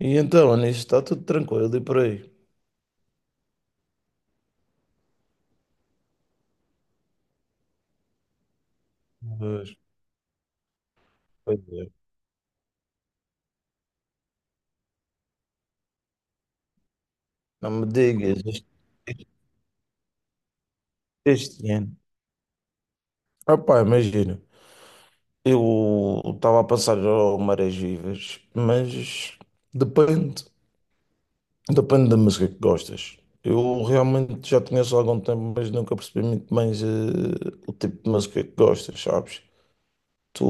E então, Anis, está tudo tranquilo e por aí. Pois, pois é. Não me digas, este- ano. Opá, imagina, eu estava a passar ao Marés Vivas, mas depende, depende da música que gostas. Eu realmente já conheço há algum tempo, mas nunca percebi muito bem o tipo de música que gostas, sabes? Tu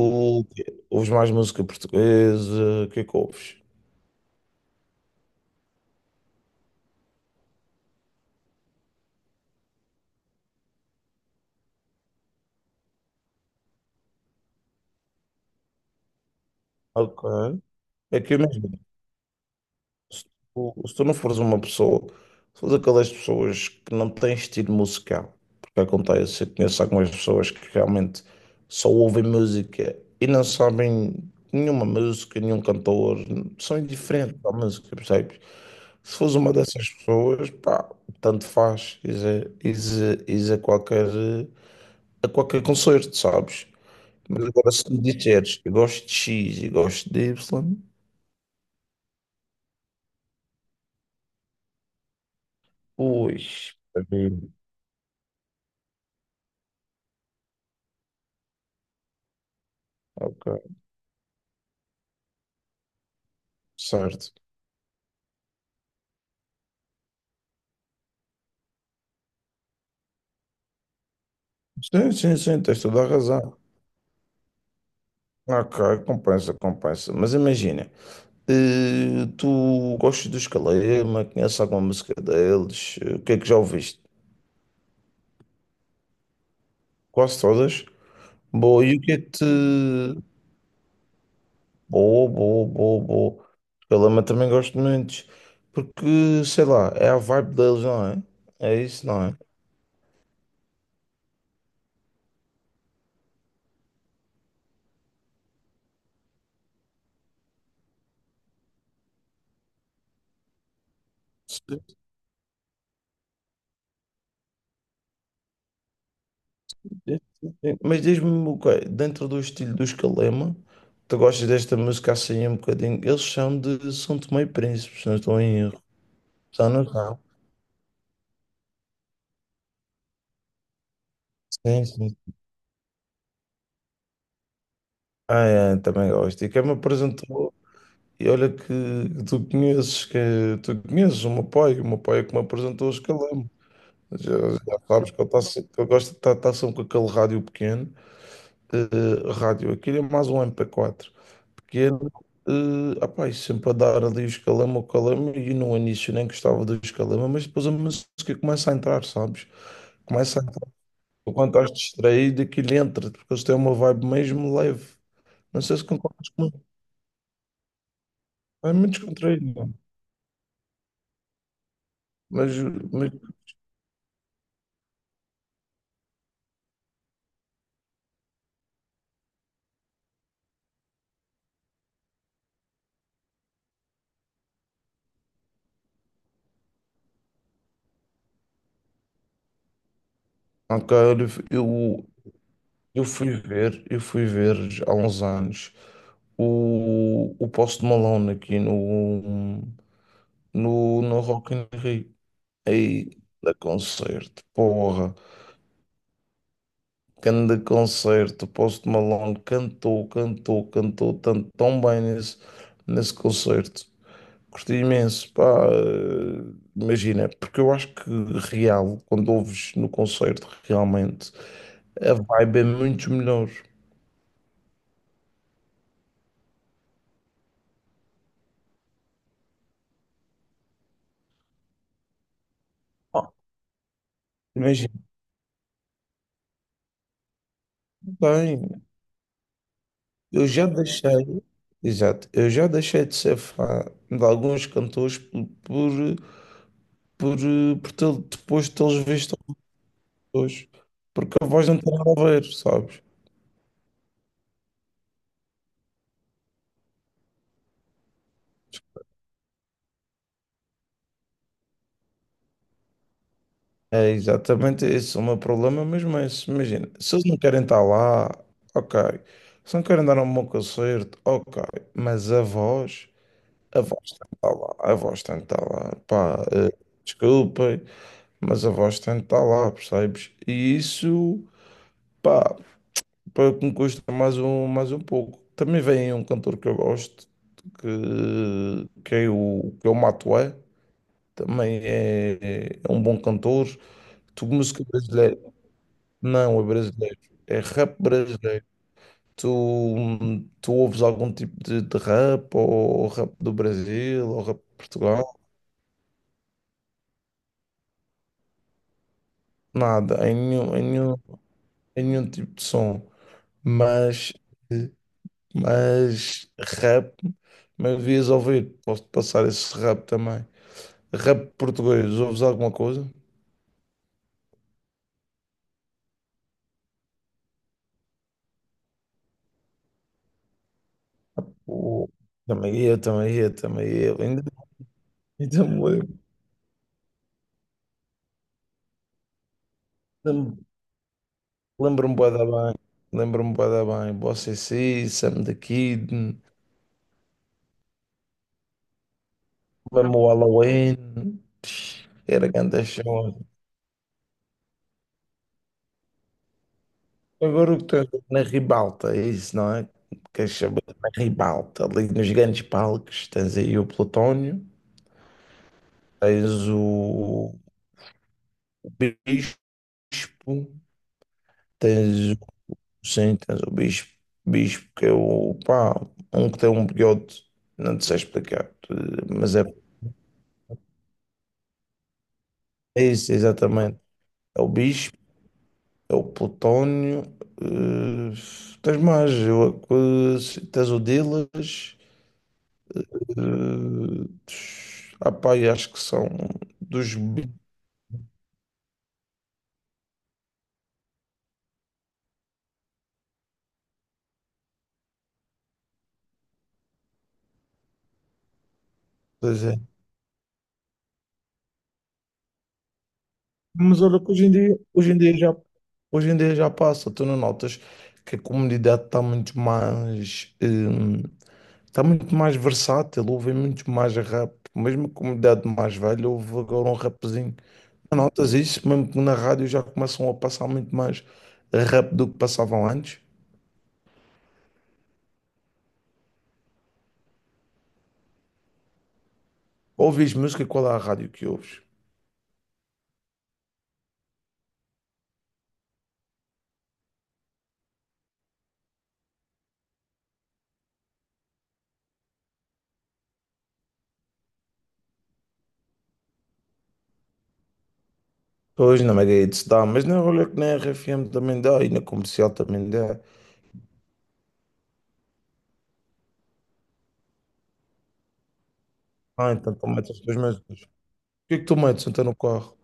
ouves mais música portuguesa, o que é que ouves? Ok. É que eu mesmo. Se se tu não fores uma pessoa, se fores aquelas pessoas que não têm estilo musical, porque acontece, eu conheço algumas pessoas que realmente só ouvem música e não sabem nenhuma música, nenhum cantor, são indiferentes à música, percebes? Se fores uma dessas pessoas, pá, tanto faz, is a, is a- is a qualquer concerto, sabes? Mas agora se me disseres, eu gosto de X e gosto de Y, pois, para mim, ok. Certo. Sim, sim, sim, tens toda a razão. Ok, compensa. Mas imagina, tu gostas dos Calema, conheces alguma música deles? O que é que já ouviste? Quase todas? Boa, e o que é que te. Boa, boa, boa, boa. Calema também gosto muito. Porque, sei lá, é a vibe deles, não é? É isso, não é? Sim, sim. Mas diz-me, uma coisa, dentro do estilo dos Calema, tu gostas desta música assim um bocadinho? Eles são de São Tomé e Príncipe, se não estou em erro. São, não são? Sim, sim. Ah, é, também gosto. E quem me apresentou, e olha que tu conheces, que Tu conheces o meu pai é que me apresentou os Calema. Já sabes que eu, tá, se- que eu gosto de estar, tá sempre com aquele rádio pequeno, rádio, aquilo é mais um MP4. Pequeno, opá, e sempre a dar ali o escalama, o calama, e no início nem gostava do escalama, mas depois a música começa a entrar, sabes? Começa a entrar. Enquanto estás distraído, aquilo entra, porque eles têm uma vibe mesmo leve. Não sei se concordas comigo. É muito descontraído, mano. mas, mas cara, eu, eu fui ver há uns anos o Post Malone aqui no, no, no Rock in Rio. Aí, da concerto, porra. Grande concerto, Post Malone cantou tanto, tão nesse concerto. Curti imenso, pá, imagina, porque eu acho que real, quando ouves no concerto, realmente, a vibe é muito melhor. Oh, imagina, bem, eu já deixei, exato, eu já deixei de ser fã de alguns cantores por depois de tê-los visto hoje, porque a voz não tem nada a ver, sabes? É exatamente esse é o meu problema, mas imagina, se eles não querem estar lá, ok. Se não querem dar um bom concerto, ok. Mas a voz, a voz tem que estar lá, a voz tem que estar lá. Pá, desculpem, mas a voz tem que estar lá, percebes? E isso, pá, para que me custa mais um pouco. Também vem um cantor que eu gosto, que, que é o Matué, também é, é um bom cantor de música brasileira. Não, é brasileiro. É rap brasileiro. Tu, tu ouves algum tipo de rap, ou rap do Brasil, ou rap de Portugal? Nada, em nenhum tipo de som. Mas, mas rap, mas devias ouvir. Posso passar esse rap também. Rap português, ouves alguma coisa? Oh, também eu, também eu, também eu. Ainda, me lembro- Lembro-me bué da bem. Lembro-me bué da bem. Boa CC, Sam the Kid, mesmo o Halloween. Era grande show. Agora o que tens na ribalta, é isso, não é? Queres saber na ribalta? Ali nos grandes palcos tens aí o Plutónio, tens o Bispo, tens, o- sim, tens o Bispo. Bispo que é o, pá, um que tem um bigode, não te sei explicar, mas é é isso, exatamente. É o Bispo. É o Plutónio. eh, tens mais. Eu, tens o Dilas. eh, pá, e acho que são dos Beatles, é. Mas olha que hoje em dia já passa. Tu não notas que a comunidade está muito mais. Está muito mais versátil, ouvem muito mais rap. Mesmo a comunidade mais velha, ouve agora um rapzinho. Notas isso, mesmo que na rádio já começam a passar muito mais rápido do que passavam antes. Ouves música, qual é a rádio que ouves? Pois na Mega se dá, mas na olha que na R F M também dá e na comercial também dá. Ah, então tu metes as tuas músicas. O que é que tu metes então no carro?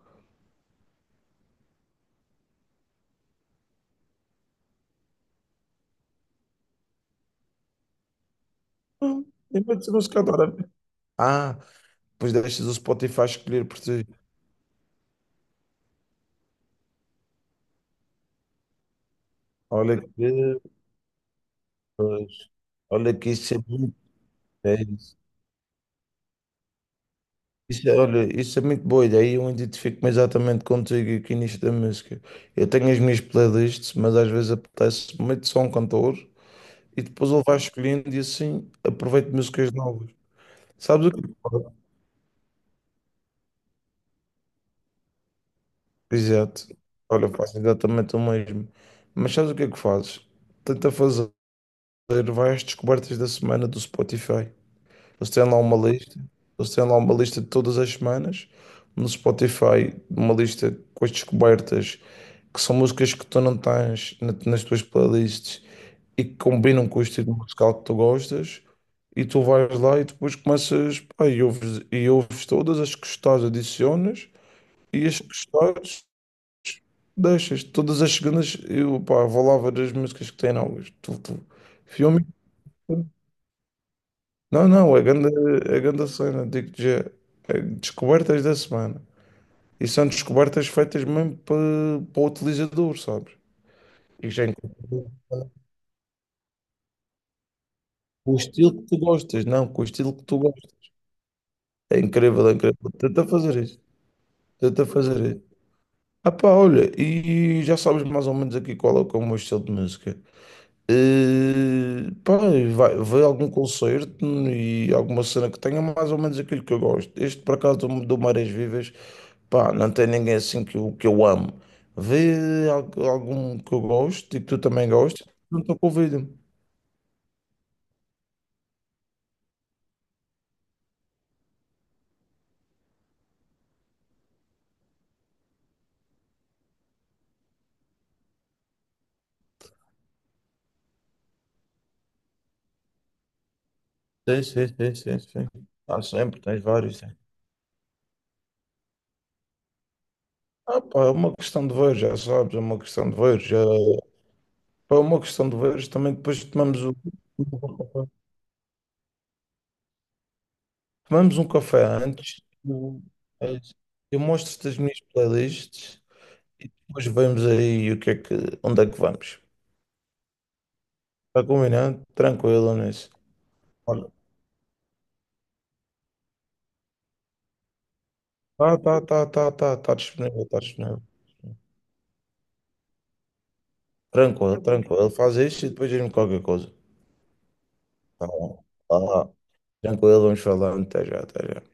Ah, eu meto música agora. Ah, depois deixas o Spotify escolher por ti. Olha que, pois, olha que isso é muito. Isso, olha, isso é muito boa ideia. Eu identifico-me exatamente contigo aqui nisto da música. Eu tenho as minhas playlists, mas às vezes apetece muito só um cantor e depois ele vai escolhendo e assim aproveito músicas novas. Sabes o que é que fazes? Exato. Olha, eu faço exatamente o mesmo. Mas sabes o que é que fazes? Tenta fazer, vai às descobertas da semana do Spotify. Eles têm lá uma lista, eles têm lá uma lista de todas as semanas no Spotify, uma lista com as descobertas, que são músicas que tu não tens nas tuas playlists e que combinam com o estilo musical que tu gostas, e tu vais lá e depois começas, pá, e ouves todas as que gostares, adicionas, e as que gostares, deixas. Todas as segundas eu, pá, vou lá ver as músicas que têm novas. Filme. Não, não, a grande cena, digo-te já, é descobertas da semana. E são descobertas feitas mesmo para, para o utilizador, sabes? E já encontrei com o estilo que tu gostas, não, com o estilo que tu gostas. É incrível, é incrível. Tenta fazer isso, tenta fazer isso. Ah pá, olha, e já sabes mais ou menos aqui que é o meu estilo de música. Pá, e vai algum concerto e alguma cena que tenha mais ou menos aquilo que eu gosto. Este, por acaso, do Marés Vivas, pá, não tem ninguém assim que que eu amo. Vê algum que eu gosto e que tu também gostes, não estou convido. Sim, sim, sim, sim, sim. Há sempre, tens vários. Sim. Ah, pá, é uma questão de ver, já sabes, é uma questão de ver. Já... pá, é uma questão de ver, também depois tomamos o. Tomamos um café antes, eu mostro-te as minhas playlists e depois vemos aí o que é que, onde é que vamos. Está combinado? Tranquilo nisso. Olha, tá disponível, tá disponível. Tranquilo, tranquilo. Faz isto e depois diz-me qualquer coisa. Tá bom. Tá lá. Tranquilo, vamos falando. Até já, até já.